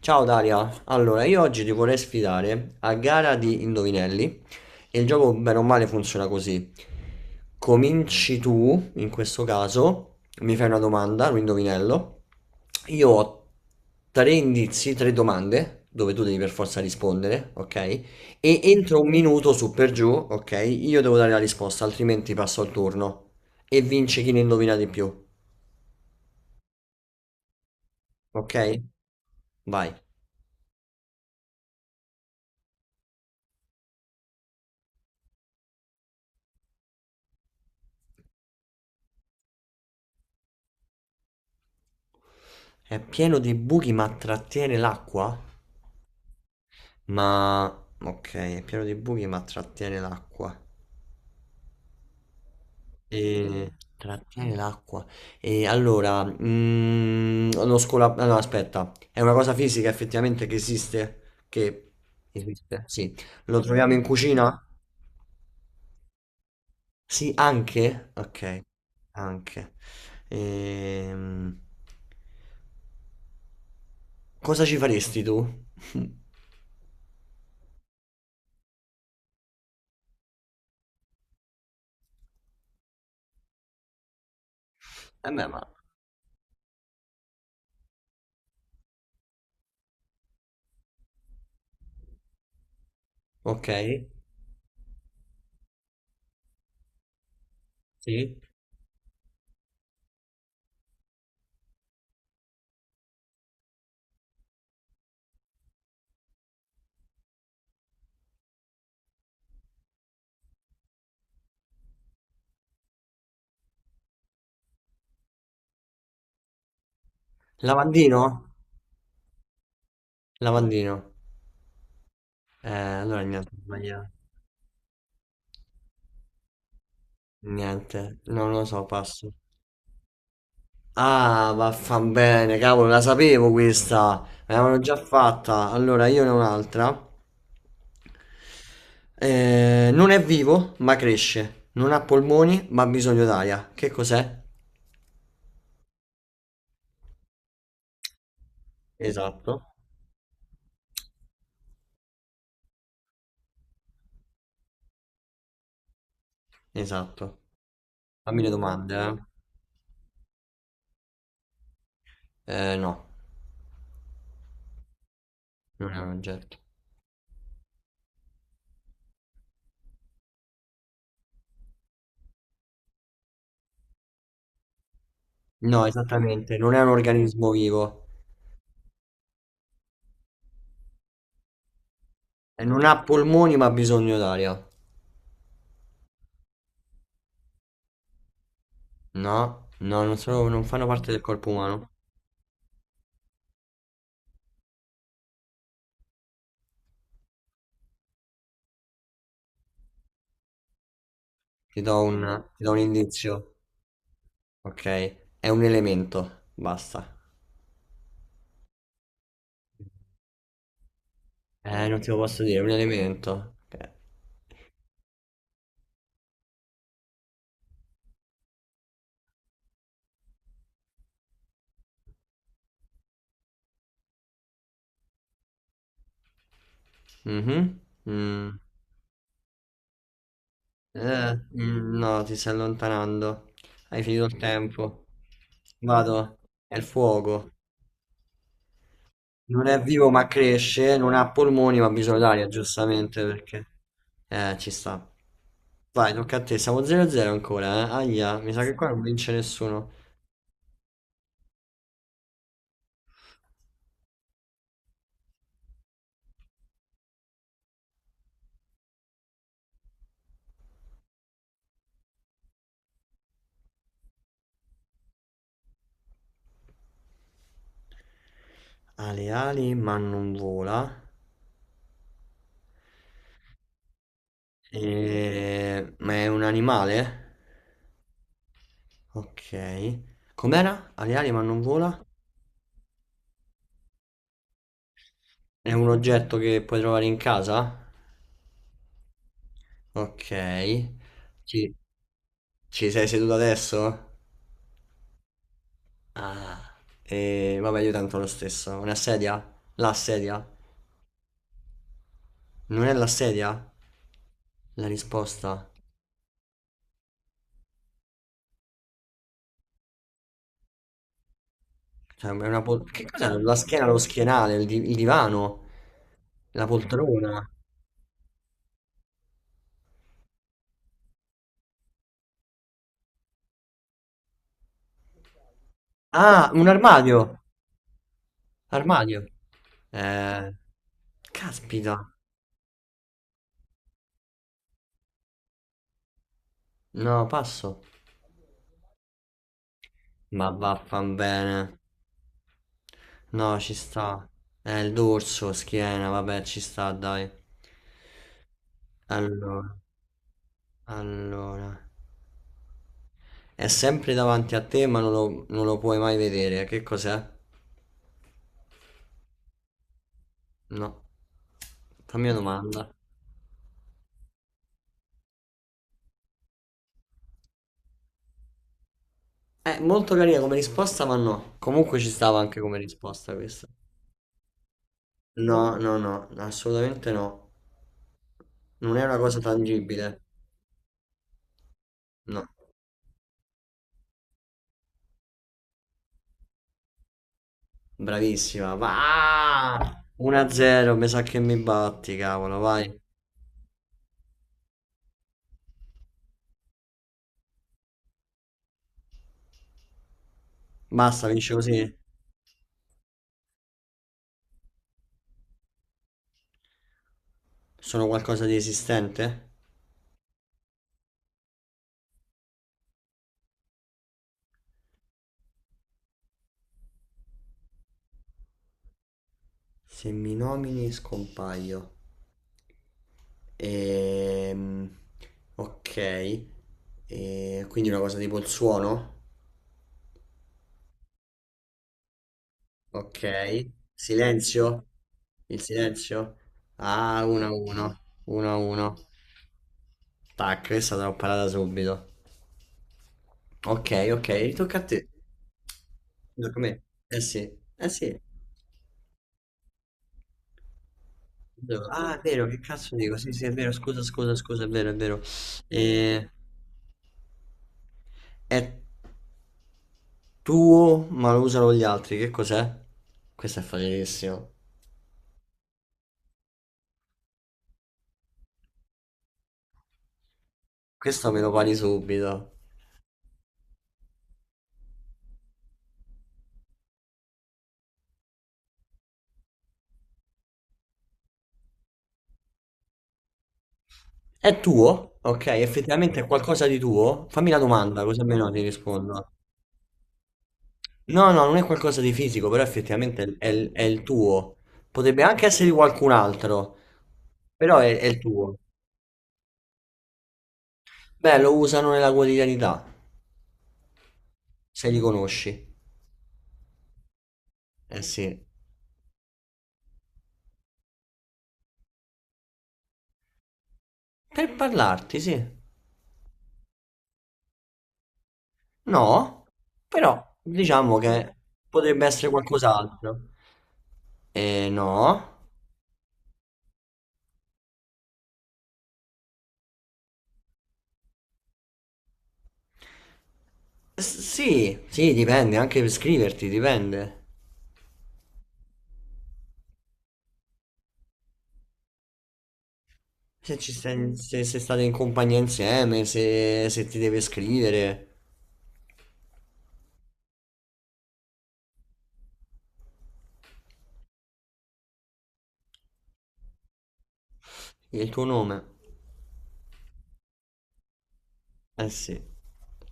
Ciao Daria, allora io oggi ti vorrei sfidare a gara di indovinelli e il gioco bene o male funziona così. Cominci tu, in questo caso, mi fai una domanda, un indovinello, io ho tre indizi, tre domande, dove tu devi per forza rispondere, ok? E entro un minuto su per giù, ok? Io devo dare la risposta, altrimenti passo al turno e vince chi ne indovina di più, ok? Vai. È pieno di buchi ma trattiene l'acqua? Ma ok, è pieno di buchi, ma trattiene l'acqua. E trattiene l'acqua. E allora, ah, no, aspetta, è una cosa fisica effettivamente che esiste? Che esiste? Sì. Lo troviamo in cucina? Sì, anche? Ok, anche. Ehm, Cosa ci faresti tu? Eh beh, ma. Ok, sì. Lavandino? Lavandino. Allora niente, ho sbagliato. Niente, non lo so, passo. Ah, vaffan bene, cavolo, la sapevo questa. Me l'avevano già fatta. Allora, io ne ho un'altra. Non è vivo, ma cresce. Non ha polmoni, ma ha bisogno d'aria. Che cos'è? Esatto, esatto. Fammi le domande, eh. No, non è un oggetto. No, esattamente, non è un organismo vivo. E non ha polmoni, ma ha bisogno d'aria. No, no, non fanno parte del corpo umano. Ti do un indizio, ok? È un elemento, basta. Non te lo posso dire, è un elemento. Ok. Mhm. Mm. No, ti stai allontanando. Hai finito il tempo. Vado. È il fuoco. Non è vivo ma cresce, non ha polmoni ma ha bisogno d'aria, giustamente perché... ci sta. Vai, tocca a te. Siamo 0-0 ancora, eh? Aia, mi sa che qua non vince nessuno. Ha le ali ma non vola. Ma è un animale? Ok. Com'era? Ha le ali ma non vola? È un oggetto che puoi trovare in casa? Ok. Ci, ci sei seduto adesso? Ah. E vabbè, io tanto lo stesso. Una sedia? La sedia? Non è la sedia? La risposta? Cioè, che cos'è? La schiena, lo schienale, il divano, la poltrona. Ah, un armadio! Armadio. Eh, caspita. No, passo. Ma vaffanbene. No, ci sta. Il dorso, schiena, vabbè, ci sta, dai. Allora, allora. È sempre davanti a te, ma non lo puoi mai vedere. Che cos'è? No. Fammi una domanda. È molto carina come risposta, ma no. Comunque ci stava anche come risposta questa. No, no, no, assolutamente no. Non è una cosa tangibile. No. Bravissima, va! 1-0, mi sa che mi batti, cavolo, vai. Basta, vince così. Sono qualcosa di esistente? Se mi nomini scompaio. Ehm, ok. E quindi una cosa tipo il suono? Ok. Silenzio? Il silenzio? Ah, 1-1. 1-1. Tac, questa te l'ho parata subito. Ok, ok, tocca a te. Tocca a me. Eh sì, eh sì. Ah, è vero, che cazzo dico? Sì, sì, è vero, scusa, scusa, scusa, è vero, è vero. Eh, è tuo, ma lo usano gli altri, che cos'è? Questo è facilissimo. Questo me lo pari subito. È tuo? Ok, effettivamente è qualcosa di tuo? Fammi la domanda, così almeno ti rispondo. No, no, non è qualcosa di fisico, però effettivamente è il tuo. Potrebbe anche essere di qualcun altro, però è il tuo. Beh, lo usano nella quotidianità, se li conosci. Eh sì. Per parlarti, sì. No, però diciamo che potrebbe essere qualcos'altro. Eh no. Sì, sì, dipende, anche per scriverti, dipende. Se state in compagnia insieme, se ti deve scrivere il tuo nome. Eh sì.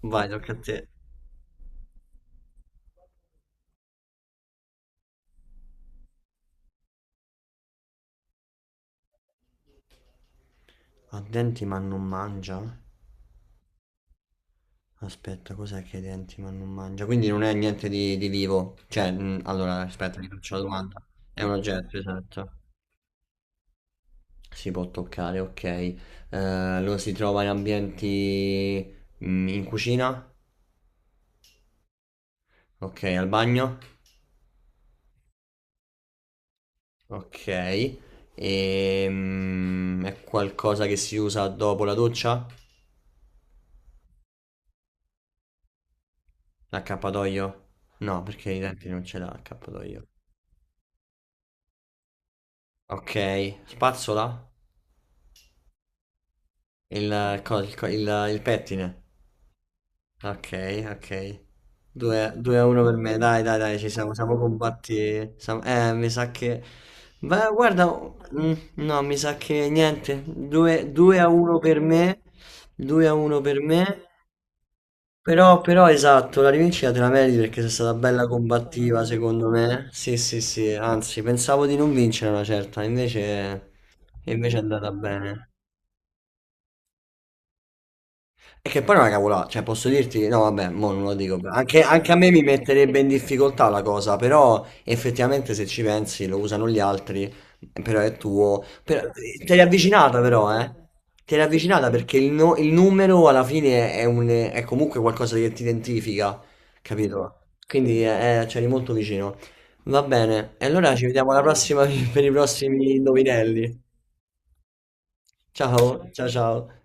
Vai, tocca a te. Ha denti ma non mangia? Aspetta, cos'è che è denti ma non mangia? Quindi non è niente di vivo. Cioè, allora, aspetta, ti faccio la domanda. È un oggetto, esatto. Si può toccare, ok. Lo si trova in ambienti in cucina? Ok, al bagno? Ok. E, è qualcosa che si usa dopo la doccia? L'accappatoio? No, perché i denti non ce l'ha l'accappatoio. Ok, spazzola? Il pettine? Ok, ok. 2 a 1 per me, dai, dai, dai, ci siamo, combatti. Mi sa che. Beh, guarda, no, mi sa che niente. 2 a 1 per me, 2 a 1 per me. Però, esatto, la rivincita te la meriti perché sei stata bella combattiva, secondo me. Sì, sì, sì, anzi, pensavo di non vincere una certa, invece, è andata bene. E che poi non è una cavolata, cioè posso dirti, no vabbè, mo non lo dico, anche a me mi metterebbe in difficoltà la cosa, però effettivamente se ci pensi lo usano gli altri, però è tuo, però, te l'hai avvicinata però, eh? Te l'hai avvicinata perché il, no- il numero alla fine è comunque qualcosa che ti identifica, capito? Quindi c'eri molto vicino. Va bene, e allora ci vediamo alla prossima per i prossimi indovinelli. Ciao, ciao ciao.